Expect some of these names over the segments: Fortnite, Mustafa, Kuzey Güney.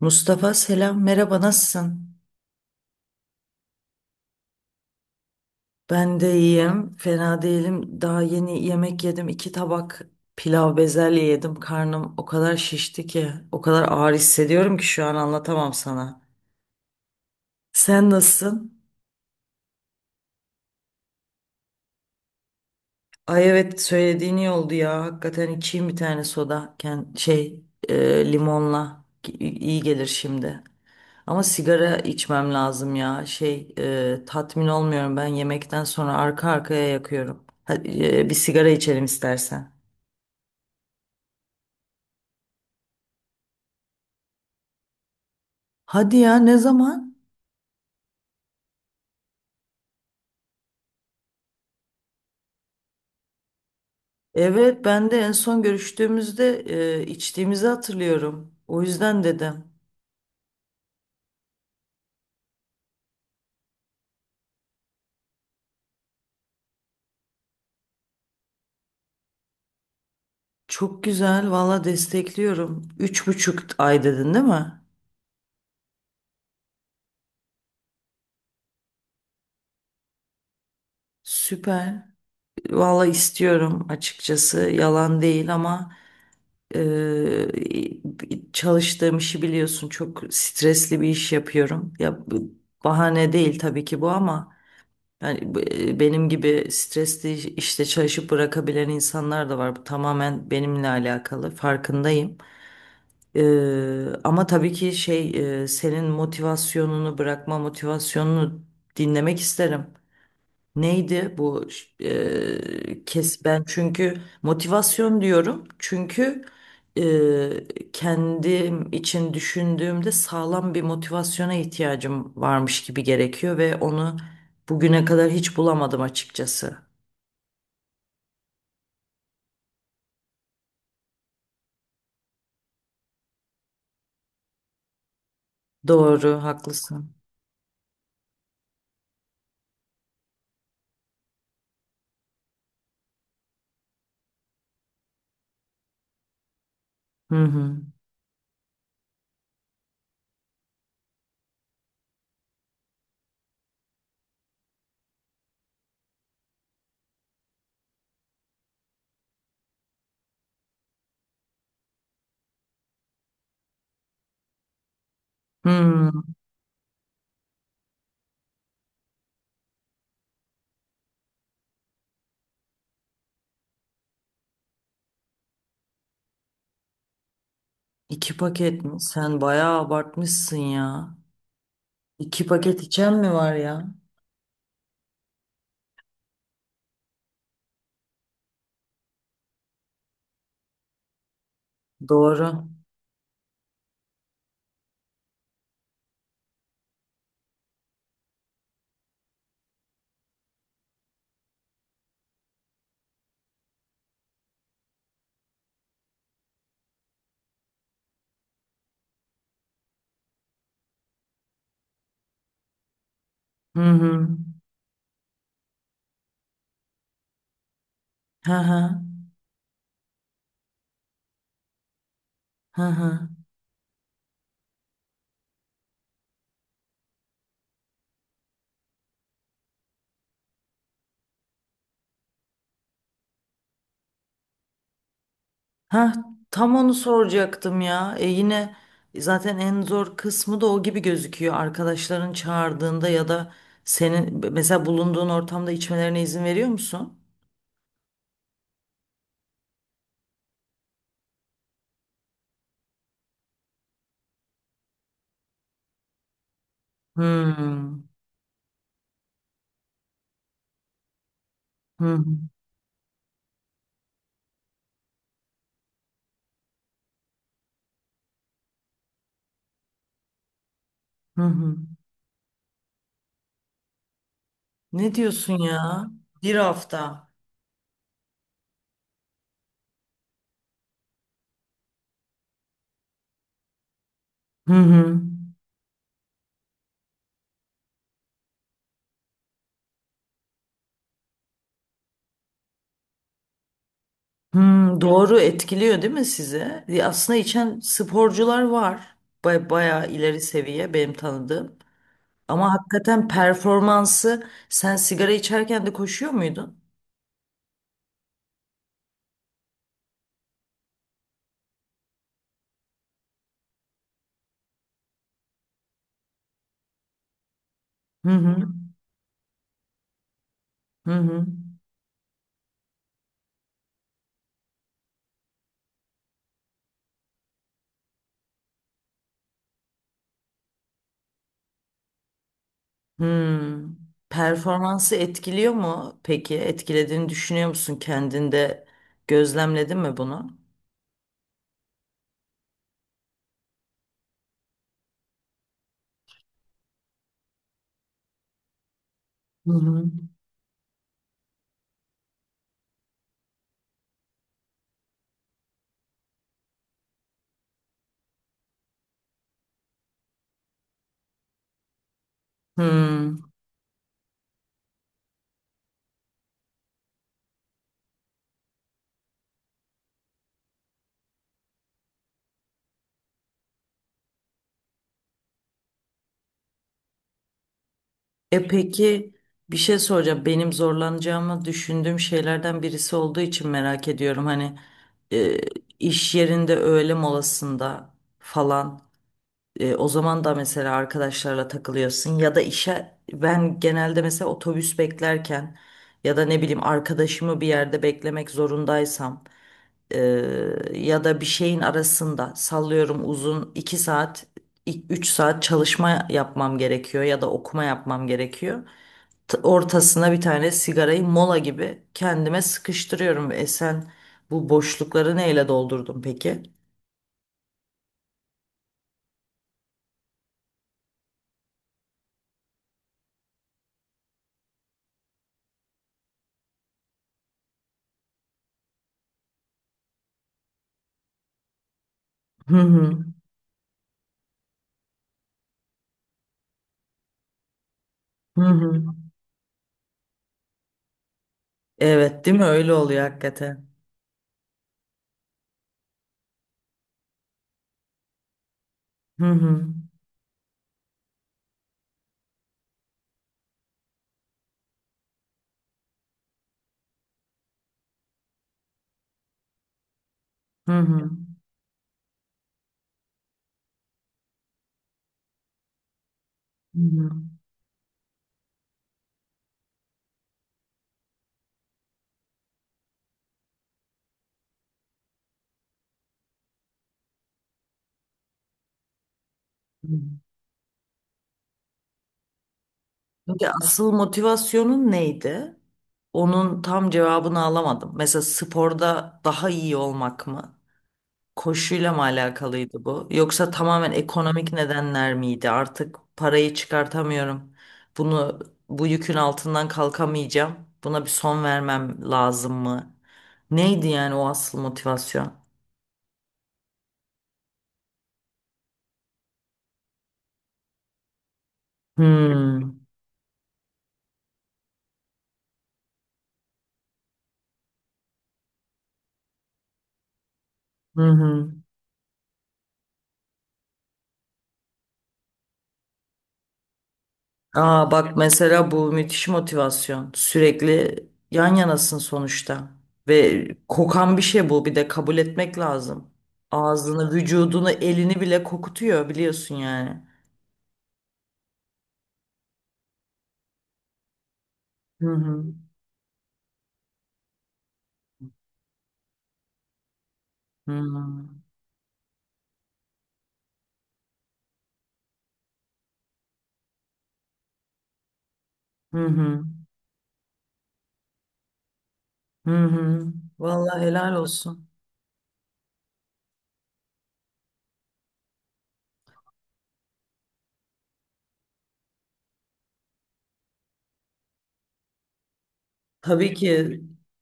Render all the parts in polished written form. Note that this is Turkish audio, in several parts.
Mustafa selam merhaba nasılsın? Ben de iyiyim fena değilim daha yeni yemek yedim iki tabak pilav bezelye yedim karnım o kadar şişti ki o kadar ağır hissediyorum ki şu an anlatamam sana. Sen nasılsın? Ay evet söylediğin iyi oldu ya. Hakikaten içeyim bir tane soda. Limonla iyi gelir şimdi. Ama sigara içmem lazım ya. Tatmin olmuyorum ben yemekten sonra arka arkaya yakıyorum. Hadi, bir sigara içelim istersen. Hadi ya ne zaman? Evet ben de en son görüştüğümüzde içtiğimizi hatırlıyorum. O yüzden dedim. Çok güzel valla destekliyorum. Üç buçuk ay dedin değil mi? Süper. Valla istiyorum açıkçası yalan değil ama çalıştığım işi biliyorsun çok stresli bir iş yapıyorum. Ya bu bahane değil tabii ki bu ama yani benim gibi stresli işte çalışıp bırakabilen insanlar da var. Bu tamamen benimle alakalı farkındayım. E, ama tabii ki senin bırakma motivasyonunu dinlemek isterim. Neydi bu kes ben çünkü motivasyon diyorum çünkü eee, kendim için düşündüğümde sağlam bir motivasyona ihtiyacım varmış gibi gerekiyor ve onu bugüne kadar hiç bulamadım açıkçası. Doğru, haklısın. Hı hı. Hmm. iki paket mi? Sen bayağı abartmışsın ya. İki paket içen mi var ya? Doğru. Hı hı. Hı hı. Hı hı. Ha tam onu soracaktım ya. Yine zaten en zor kısmı da o gibi gözüküyor. Arkadaşların çağırdığında ya da senin mesela bulunduğun ortamda içmelerine izin veriyor musun? Hmm. Hı hı. Hı hı. Ne diyorsun ya? Bir hafta. Hı hı. Hmm, doğru etkiliyor değil mi sizi? Aslında içen sporcular var. Bayağı ileri seviye benim tanıdığım. Ama hakikaten performansı sen sigara içerken de koşuyor muydun? Hı hı. Hı hı. Hmm. Performansı etkiliyor mu peki? Etkilediğini düşünüyor musun kendinde? Gözlemledin mi bunu? Hı hı. Hmm. Peki bir şey soracağım. Benim zorlanacağımı düşündüğüm şeylerden birisi olduğu için merak ediyorum. Hani e, iş yerinde öğle molasında falan. O zaman da mesela arkadaşlarla takılıyorsun ya da işe ben genelde mesela otobüs beklerken ya da ne bileyim arkadaşımı bir yerde beklemek zorundaysam e, ya da bir şeyin arasında sallıyorum uzun 2 saat 3 saat çalışma yapmam gerekiyor ya da okuma yapmam gerekiyor. Ortasına bir tane sigarayı mola gibi kendime sıkıştırıyorum. Sen bu boşlukları neyle doldurdun peki? Hı hı. Hı hı. Evet, değil mi? Öyle oluyor hakikaten. Hı hı. Hı hı. Hı hı. Hı. Peki asıl motivasyonun neydi? Onun tam cevabını alamadım. Mesela sporda daha iyi olmak mı? Koşuyla mı alakalıydı bu? Yoksa tamamen ekonomik nedenler miydi? Artık parayı çıkartamıyorum. Bunu bu yükün altından kalkamayacağım. Buna bir son vermem lazım mı? Neydi yani o asıl motivasyon? Hmm. Hı hı. Aa bak mesela bu müthiş motivasyon. Sürekli yan yanasın sonuçta. Ve kokan bir şey bu bir de kabul etmek lazım. Ağzını, vücudunu, elini bile kokutuyor biliyorsun yani. Hı hı. Hı hı. Hı hı. Hı hı. Vallahi helal olsun. Tabii ki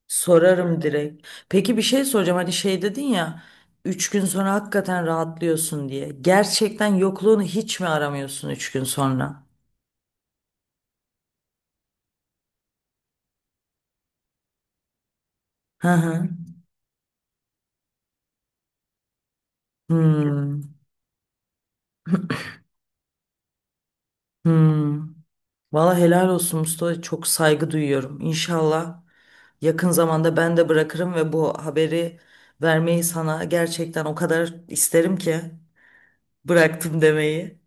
sorarım direkt. Peki bir şey soracağım. Hani şey dedin ya üç gün sonra hakikaten rahatlıyorsun diye. Gerçekten yokluğunu hiç mi aramıyorsun üç gün sonra? Hı hı. Hmm, hmm. Valla helal olsun Mustafa. Çok saygı duyuyorum. İnşallah yakın zamanda ben de bırakırım ve bu haberi vermeyi sana gerçekten o kadar isterim ki bıraktım demeyi.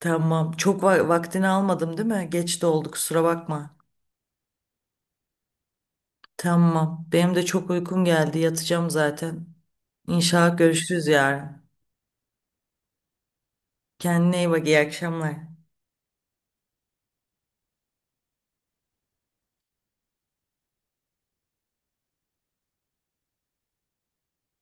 Tamam. Çok vaktini almadım değil mi? Geç de oldu kusura bakma. Tamam. Benim de çok uykum geldi. Yatacağım zaten. İnşallah görüşürüz yarın. Kendine iyi bak. İyi akşamlar.